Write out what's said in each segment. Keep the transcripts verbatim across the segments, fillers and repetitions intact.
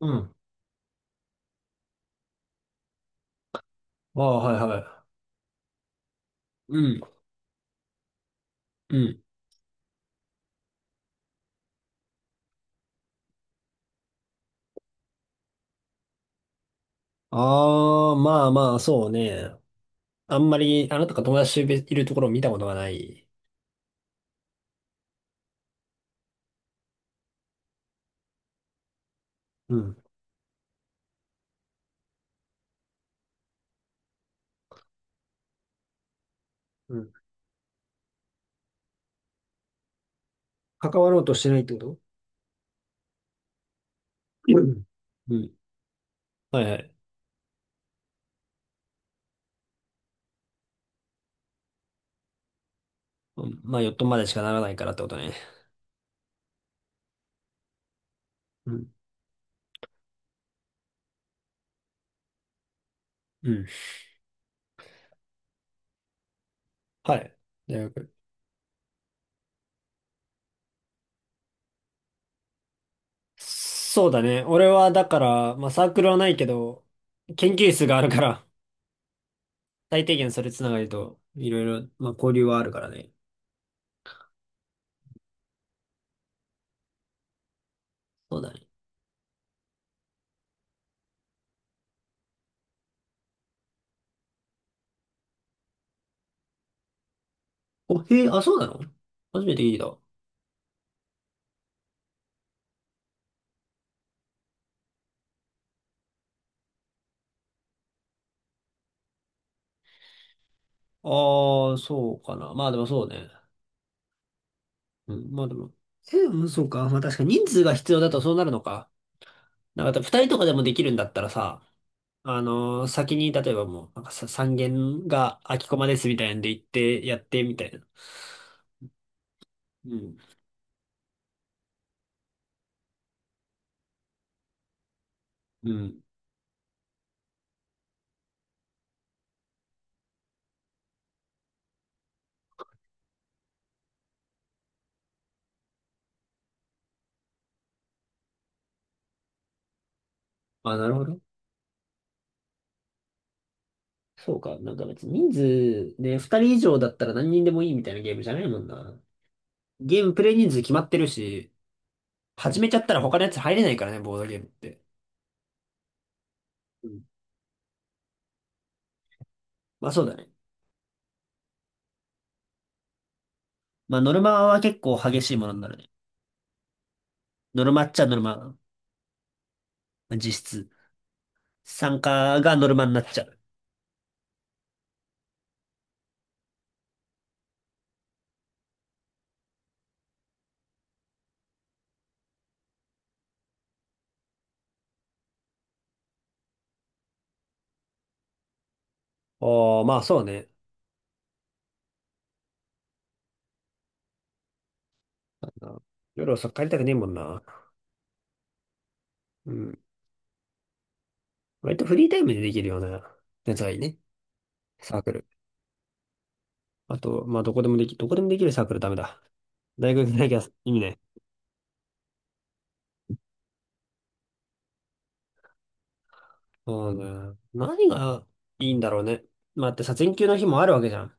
うん。ああ、はいはい。うん、うん。ああ、まあまあ、そうね。あんまり、あなたが友達いるところを見たことがない。うん。うん。関わろうとしてないってこと。うん。うん。はいはい。うんまあ、よっとまでしかならないからってことね。うん。うん。はい。大学。そうだね。俺は、だから、まあ、サークルはないけど、研究室があるから、最低限それつながりと、いろいろ、まあ、交流はあるからね。そうだね。お、へえ、あ、そうなの。初めて聞いた。ああ、そうかな。まあでもそうね。うん、まあでも。え、うん、そうか。まあ確かに人数が必要だとそうなるのか。なんか二人とかでもできるんだったらさ、あのー先に例えばもう、なんかさ、三限が空きコマですみたいなんで行ってやってみたいな。うん。うん。あ、なるほど。そうか。なんか別に人数ね、二人以上だったら何人でもいいみたいなゲームじゃないもんな。ゲームプレイ人数決まってるし、始めちゃったら他のやつ入れないからね、ボードゲームって。うん。まあそうだね。まあノルマは結構激しいものになるね。ノルマっちゃノルマ。実質。参加がノルマになっちゃう。ああ、まあそうね。あの、夜遅く帰りたくねえもんな。うん。割とフリータイムでできるようなやつがいいね。サークル。あと、まあどこでもでき、どこでもできるサークルダメだ。大学でなきゃ意味ない。そうね。何がいいんだろうね。まあだってさ、全休の日もあるわけじゃん。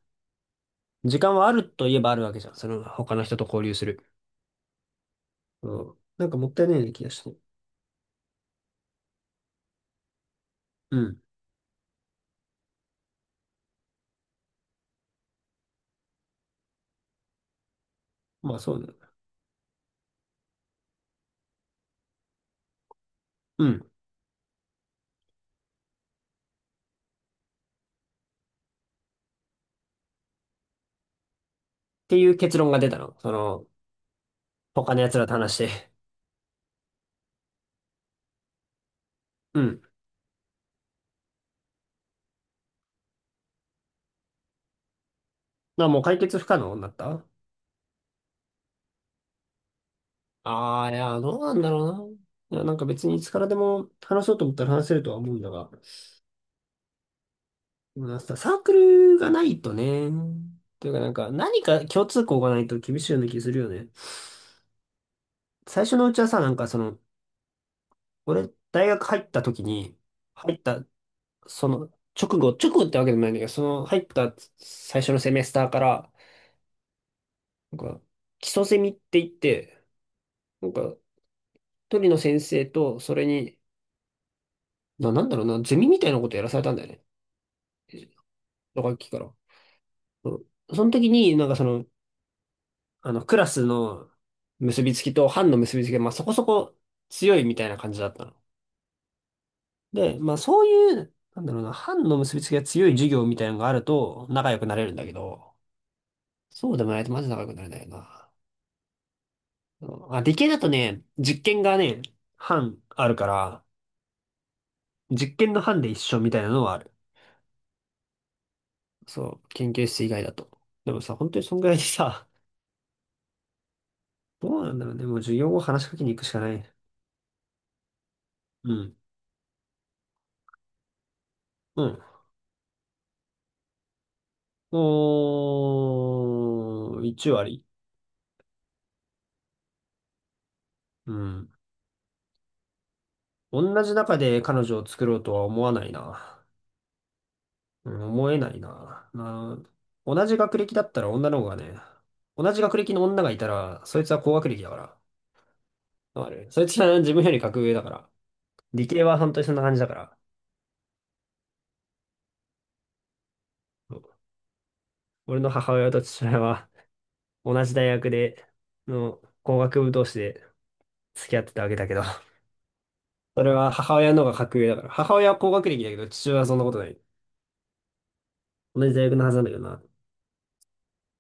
時間はあるといえばあるわけじゃん。その他の人と交流する。うん。なんかもったいないような気がして。うん。まあそうね。うん。っていう結論が出たの。その、他の奴らと話して。うん。まあもう解決不可能になった。ああー、いや、どうなんだろうな。いや、なんか別にいつからでも話そうと思ったら話せるとは思うんだが。でもなんかさ、サークルがないとね。というかなんか何か共通項がないと厳しいような気するよね。最初のうちはさ、なんかその、俺、大学入った時に、入った、その、直後、直後ってわけでもないんだけど、その、入った最初のセメスターから、なんか、基礎セミって言って、なんか、一人の先生と、それに、な、なんだろうな、ゼミみたいなことやらされたんだよね。小学期から。うん。その時に、なんかその、あの、クラスの結びつきと班の結びつきが、まあそこそこ強いみたいな感じだったの。で、まあそういう、なんだろうな、班の結びつきが強い授業みたいなのがあると仲良くなれるんだけど、そうでもないとマジ仲良くなれないよな。うん、あ、理系だとね、実験がね、班あるから、実験の班で一緒みたいなのはある。そう、研究室以外だと。でもさ、本当にそんぐらいでさ、どうなんだろうね。もう授業後話しかけに行くしかない。うん。うん。おー、いち割。うん。同じ中で彼女を作ろうとは思わないな。うん、思えないな。な、同じ学歴だったら女の方がね、同じ学歴の女がいたら、そいつは高学歴だから。わかる、そいつは自分より格上だから。理系は本当にそんな感じだから。うん。俺の母親と父親は同じ大学で、の工学部同士で付き合ってたわけだけど、それは母親の方が格上だから、母親は工学歴だけど、父親はそんなことない。同じ大学のはずなんだけどな、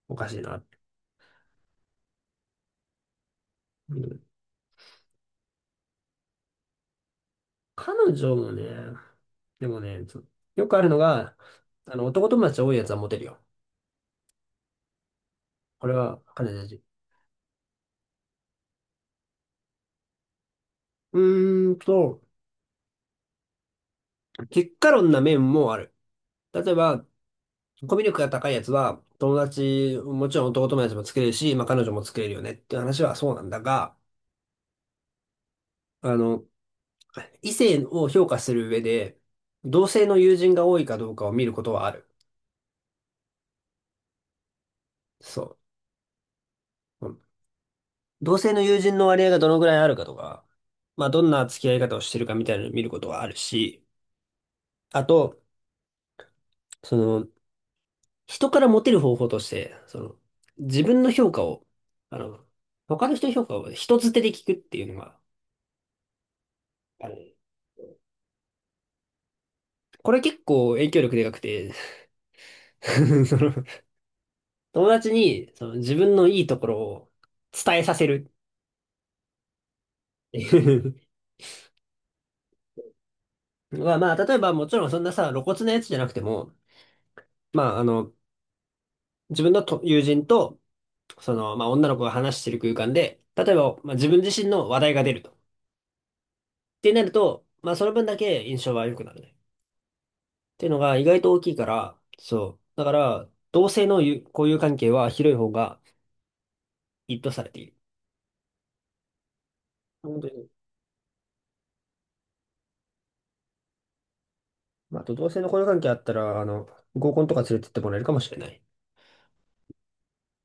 おかしいな。うん。彼女もね、でもね、そ、よくあるのが、あの、男友達多いやつはモテるよ。これはかなり大事。うーんと、結果論な面もある。例えば、コミュ力が高いやつは、友達、もちろん男友達も作れるし、まあ彼女も作れるよねっていう話はそうなんだが、あの、異性を評価する上で、同性の友人が多いかどうかを見ることはある。そう。うん、同性の友人の割合がどのぐらいあるかとか、まあ、どんな付き合い方をしてるかみたいなのを見ることはあるし、あと、その、人からモテる方法として、その、自分の評価を、あの、他の人の評価を人づてで聞くっていうのがある。これ結構影響力でかくて、 その友達にその自分のいいところを伝えさせるっていう、まあまあ、例えばもちろんそんなさ、露骨なやつじゃなくても、まああの、自分のと友人と、その、まあ女の子が話してる空間で、例えば、まあ、自分自身の話題が出ると。ってなると、まあその分だけ印象は良くなるね。っていうのが意外と大きいから、そう。だから、同性の友交友関係は広い方が一いとされている。本当に。まあ、あと同性の交友関係あったら、あの、合コンとか連れてってもらえるかもしれない。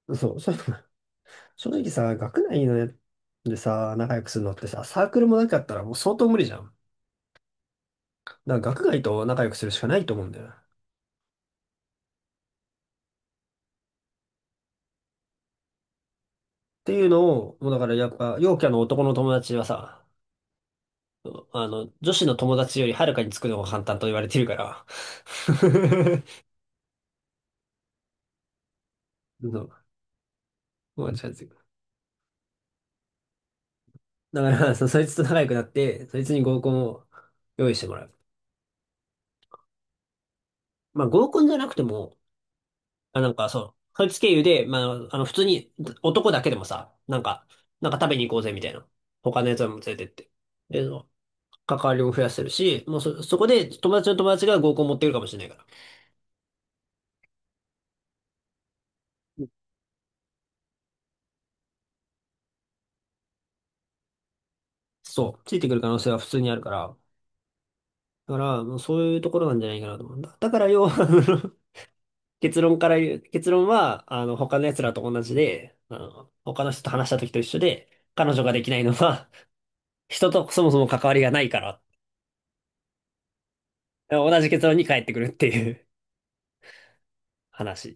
そう、そういうのが、正直さ、学内のやでさ、仲良くするのってさ、サークルもなかったらもう相当無理じゃん。だから学外と仲良くするしかないと思うんだよ。っていうのを、もうだからやっぱ、陽キャの男の友達はさ、あの、女子の友達よりはるかにつくのが簡単と言われてるから。そう、もう違う。だから、そ、そいつと仲良くなって、そいつに合コンを用意してもらう。まあ合コンじゃなくても、あ、なんかそう、そいつ経由で、まあ、あの、普通に男だけでもさ、なんか、なんか食べに行こうぜみたいな。他のやつらも連れてって。で、関わりも増やせるし、もうそ、そこで友達の友達が合コン持ってくるかもしれないから。そう。ついてくる可能性は普通にあるから。だから、もうそういうところなんじゃないかなと思うんだ。だから要は、あの、結論から言う、結論は、あの、他の奴らと同じで、あの、他の人と話した時と一緒で、彼女ができないのは、人とそもそも関わりがないから、同じ結論に返ってくるっていう話。